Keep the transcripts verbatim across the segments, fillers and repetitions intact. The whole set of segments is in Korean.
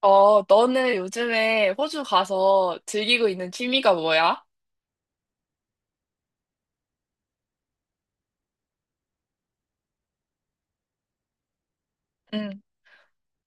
어, 너는 요즘에 호주 가서 즐기고 있는 취미가 뭐야? 응.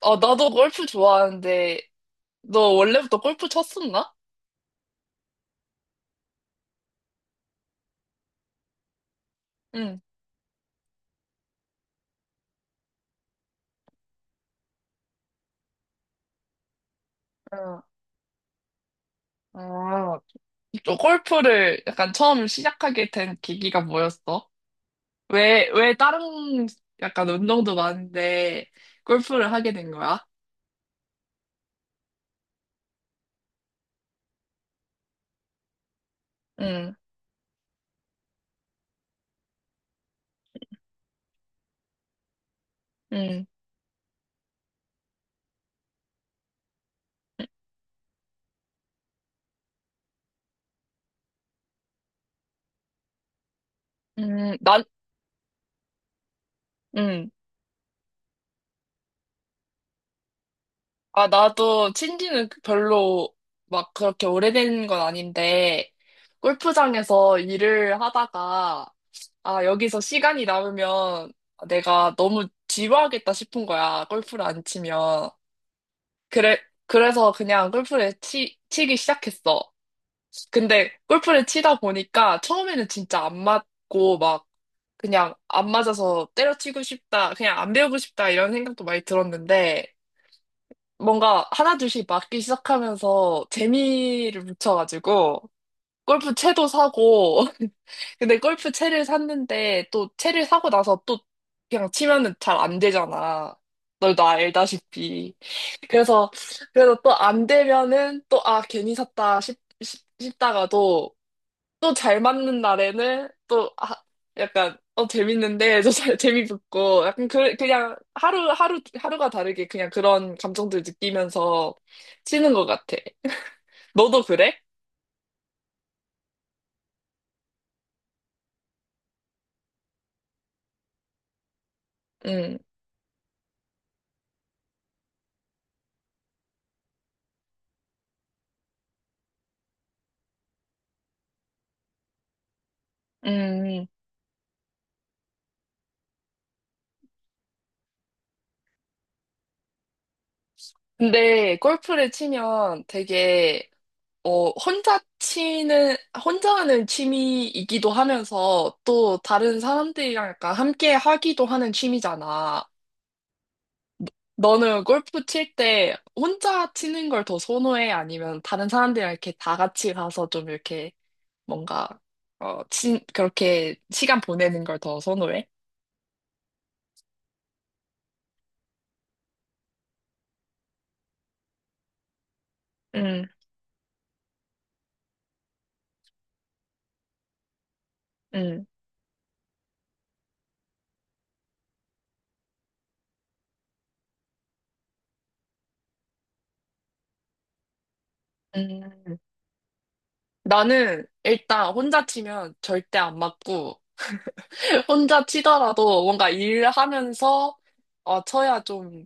어, 나도 골프 좋아하는데, 너 원래부터 골프 쳤었나? 응. 어, 어, 또 골프를 약간 처음 시작하게 된 계기가 뭐였어? 왜, 왜 다른 약간 운동도 많은데 골프를 하게 된 거야? 응, 응, 응 난, 응. 아, 나도 친지는 별로 막 그렇게 오래된 건 아닌데, 골프장에서 일을 하다가, 아, 여기서 시간이 남으면 내가 너무 지루하겠다 싶은 거야. 골프를 안 치면. 그래, 그래서 그냥 골프를 치, 치기 시작했어. 근데 골프를 치다 보니까 처음에는 진짜 안 맞고 막 그냥 안 맞아서 때려치고 싶다, 그냥 안 배우고 싶다 이런 생각도 많이 들었는데, 뭔가 하나둘씩 맞기 시작하면서 재미를 붙여가지고 골프 채도 사고 근데 골프 채를 샀는데 또 채를 사고 나서 또 그냥 치면은 잘 안 되잖아. 너도 알다시피. 그래서 그래서 또 안 되면은 또 아 괜히 샀다 싶, 싶, 싶다가도 또 잘 맞는 날에는 또 아, 약간 어 재밌는데 저 잘 재미붙고 약간 그, 그냥 하루 하루 하루가 다르게 그냥 그런 감정들 느끼면서 치는 것 같아. 너도 그래? 음, 음. 근데 골프를 치면 되게 어 혼자 치는 혼자 하는 취미이기도 하면서 또 다른 사람들이랑 약간 함께 하기도 하는 취미잖아. 너는 골프 칠 때 혼자 치는 걸 더 선호해? 아니면 다른 사람들이랑 이렇게 다 같이 가서 좀 이렇게 뭔가, 어, 친, 그렇게 시간 보내는 걸 더 선호해? 응, 응, 응. 나는 일단 혼자 치면 절대 안 맞고, 혼자 치더라도 뭔가 일하면서, 어, 쳐야 좀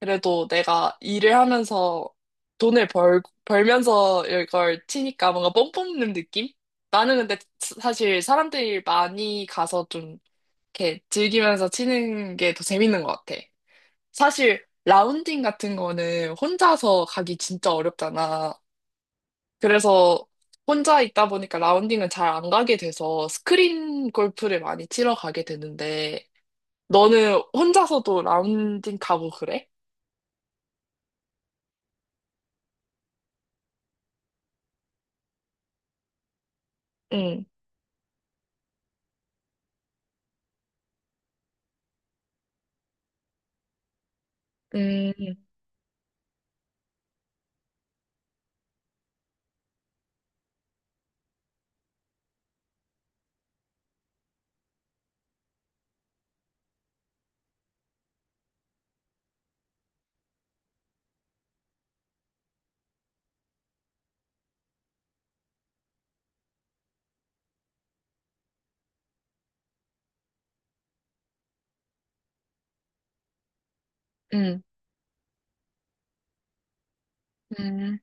그래도 내가 일을 하면서 돈을 벌, 벌면서 이걸 치니까 뭔가 뽕 뽑는 느낌? 나는 근데 스- 사실 사람들이 많이 가서 좀 이렇게 즐기면서 치는 게 더 재밌는 것 같아. 사실 라운딩 같은 거는 혼자서 가기 진짜 어렵잖아. 그래서 혼자 있다 보니까 라운딩은 잘 안 가게 돼서 스크린 골프를 많이 치러 가게 되는데 너는 혼자서도 라운딩 가고 그래? 응. 음, 음. 음,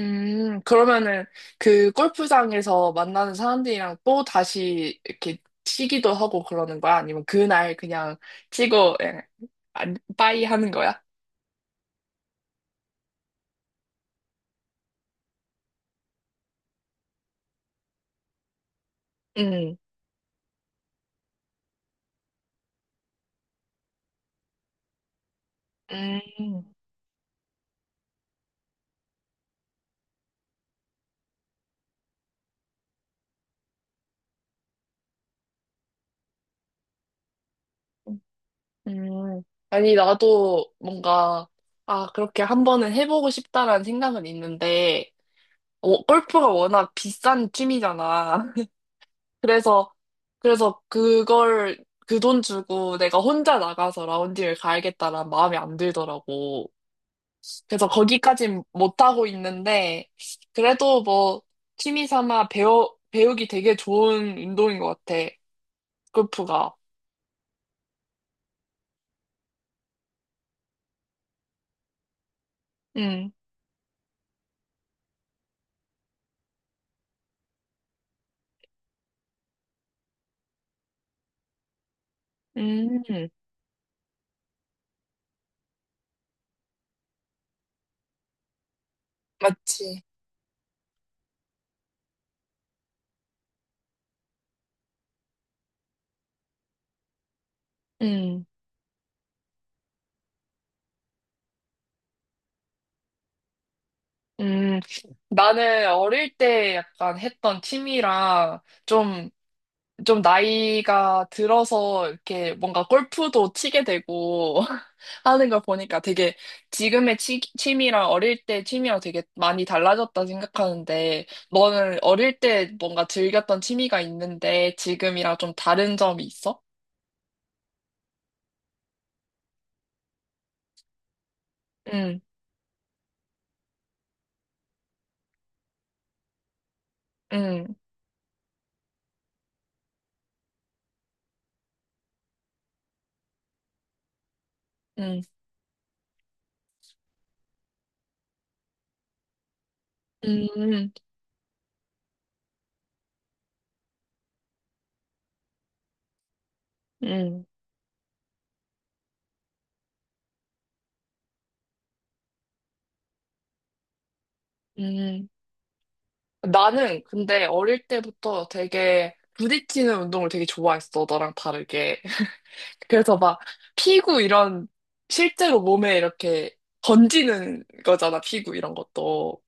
음, 그러면은 그 골프장에서 만나는 사람들이랑 또 다시 이렇게 치기도 하고 그러는 거야? 아니면 그날 그냥 치고, 예, 안, 빠이 하는 거야? 음, 음, 음. 아니, 나도 뭔가, 아, 그렇게 한 번은 해보고 싶다라는 생각은 있는데, 어, 골프가 워낙 비싼 취미잖아. 그래서, 그래서 그걸, 그 돈 주고 내가 혼자 나가서 라운딩을 가야겠다라는 마음이 안 들더라고. 그래서 거기까진 못하고 있는데, 그래도 뭐, 취미 삼아 배우, 배우기 되게 좋은 운동인 것 같아. 골프가. 음, 음, 맞지. 음, 음. 나는 어릴 때 약간 했던 취미랑 좀 좀 나이가 들어서 이렇게 뭔가 골프도 치게 되고 하는 걸 보니까 되게 지금의 치, 취미랑 어릴 때 취미랑 되게 많이 달라졌다 생각하는데 너는 어릴 때 뭔가 즐겼던 취미가 있는데 지금이랑 좀 다른 점이 있어? 응, 응, 응, 응, 응, 응. 나는 근데 어릴 때부터 되게 부딪히는 운동을 되게 좋아했어, 너랑 다르게. 그래서 막 피구 이런 실제로 몸에 이렇게 던지는 거잖아, 피구 이런 것도.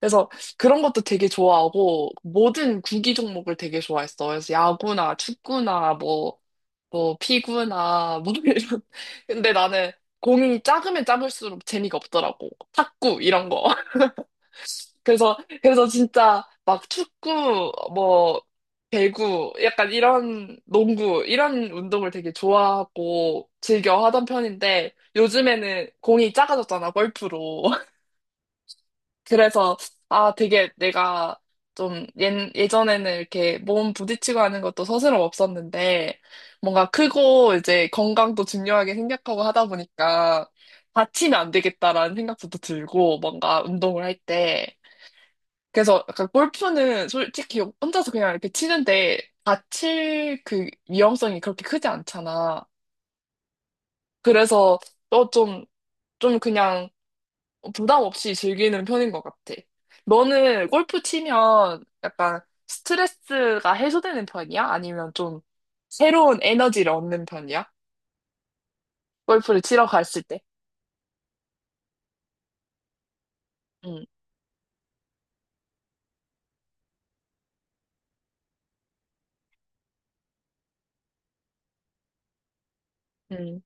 그래서 그런 것도 되게 좋아하고 모든 구기 종목을 되게 좋아했어. 그래서 야구나 축구나 뭐, 뭐 피구나 뭐 이런. 근데 나는 공이 작으면 작을수록 재미가 없더라고. 탁구 이런 거. 그래서, 그래서 진짜 막 축구, 뭐, 배구, 약간 이런 농구, 이런 운동을 되게 좋아하고 즐겨 하던 편인데 요즘에는 공이 작아졌잖아, 골프로. 그래서, 아, 되게 내가 좀 예, 예전에는 이렇게 몸 부딪히고 하는 것도 서슴 없었는데 뭔가 크고 이제 건강도 중요하게 생각하고 하다 보니까 다치면 안 되겠다라는 생각부터 들고 뭔가 운동을 할 때. 그래서 약간 골프는 솔직히 혼자서 그냥 이렇게 치는데 다칠 그 위험성이 그렇게 크지 않잖아. 그래서 또 좀, 좀 그냥 부담 없이 즐기는 편인 것 같아. 너는 골프 치면 약간 스트레스가 해소되는 편이야? 아니면 좀 새로운 에너지를 얻는 편이야? 골프를 치러 갔을 때. 응, 응,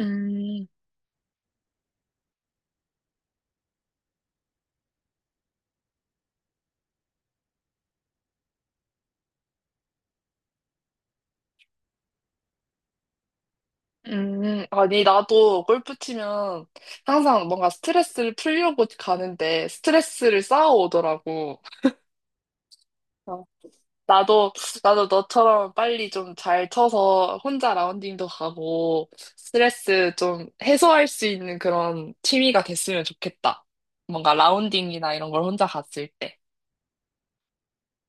음. 음, 아니, 나도 골프 치면 항상 뭔가 스트레스를 풀려고 가는데 스트레스를 쌓아오더라고. 어, 나도, 나도 너처럼 빨리 좀 잘 쳐서 혼자 라운딩도 가고 스트레스 좀 해소할 수 있는 그런 취미가 됐으면 좋겠다. 뭔가 라운딩이나 이런 걸 혼자 갔을 때.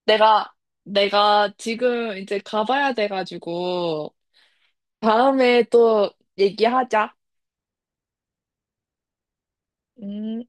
내가, 내가 지금 이제 가봐야 돼가지고 다음에 또 얘기하자. 음.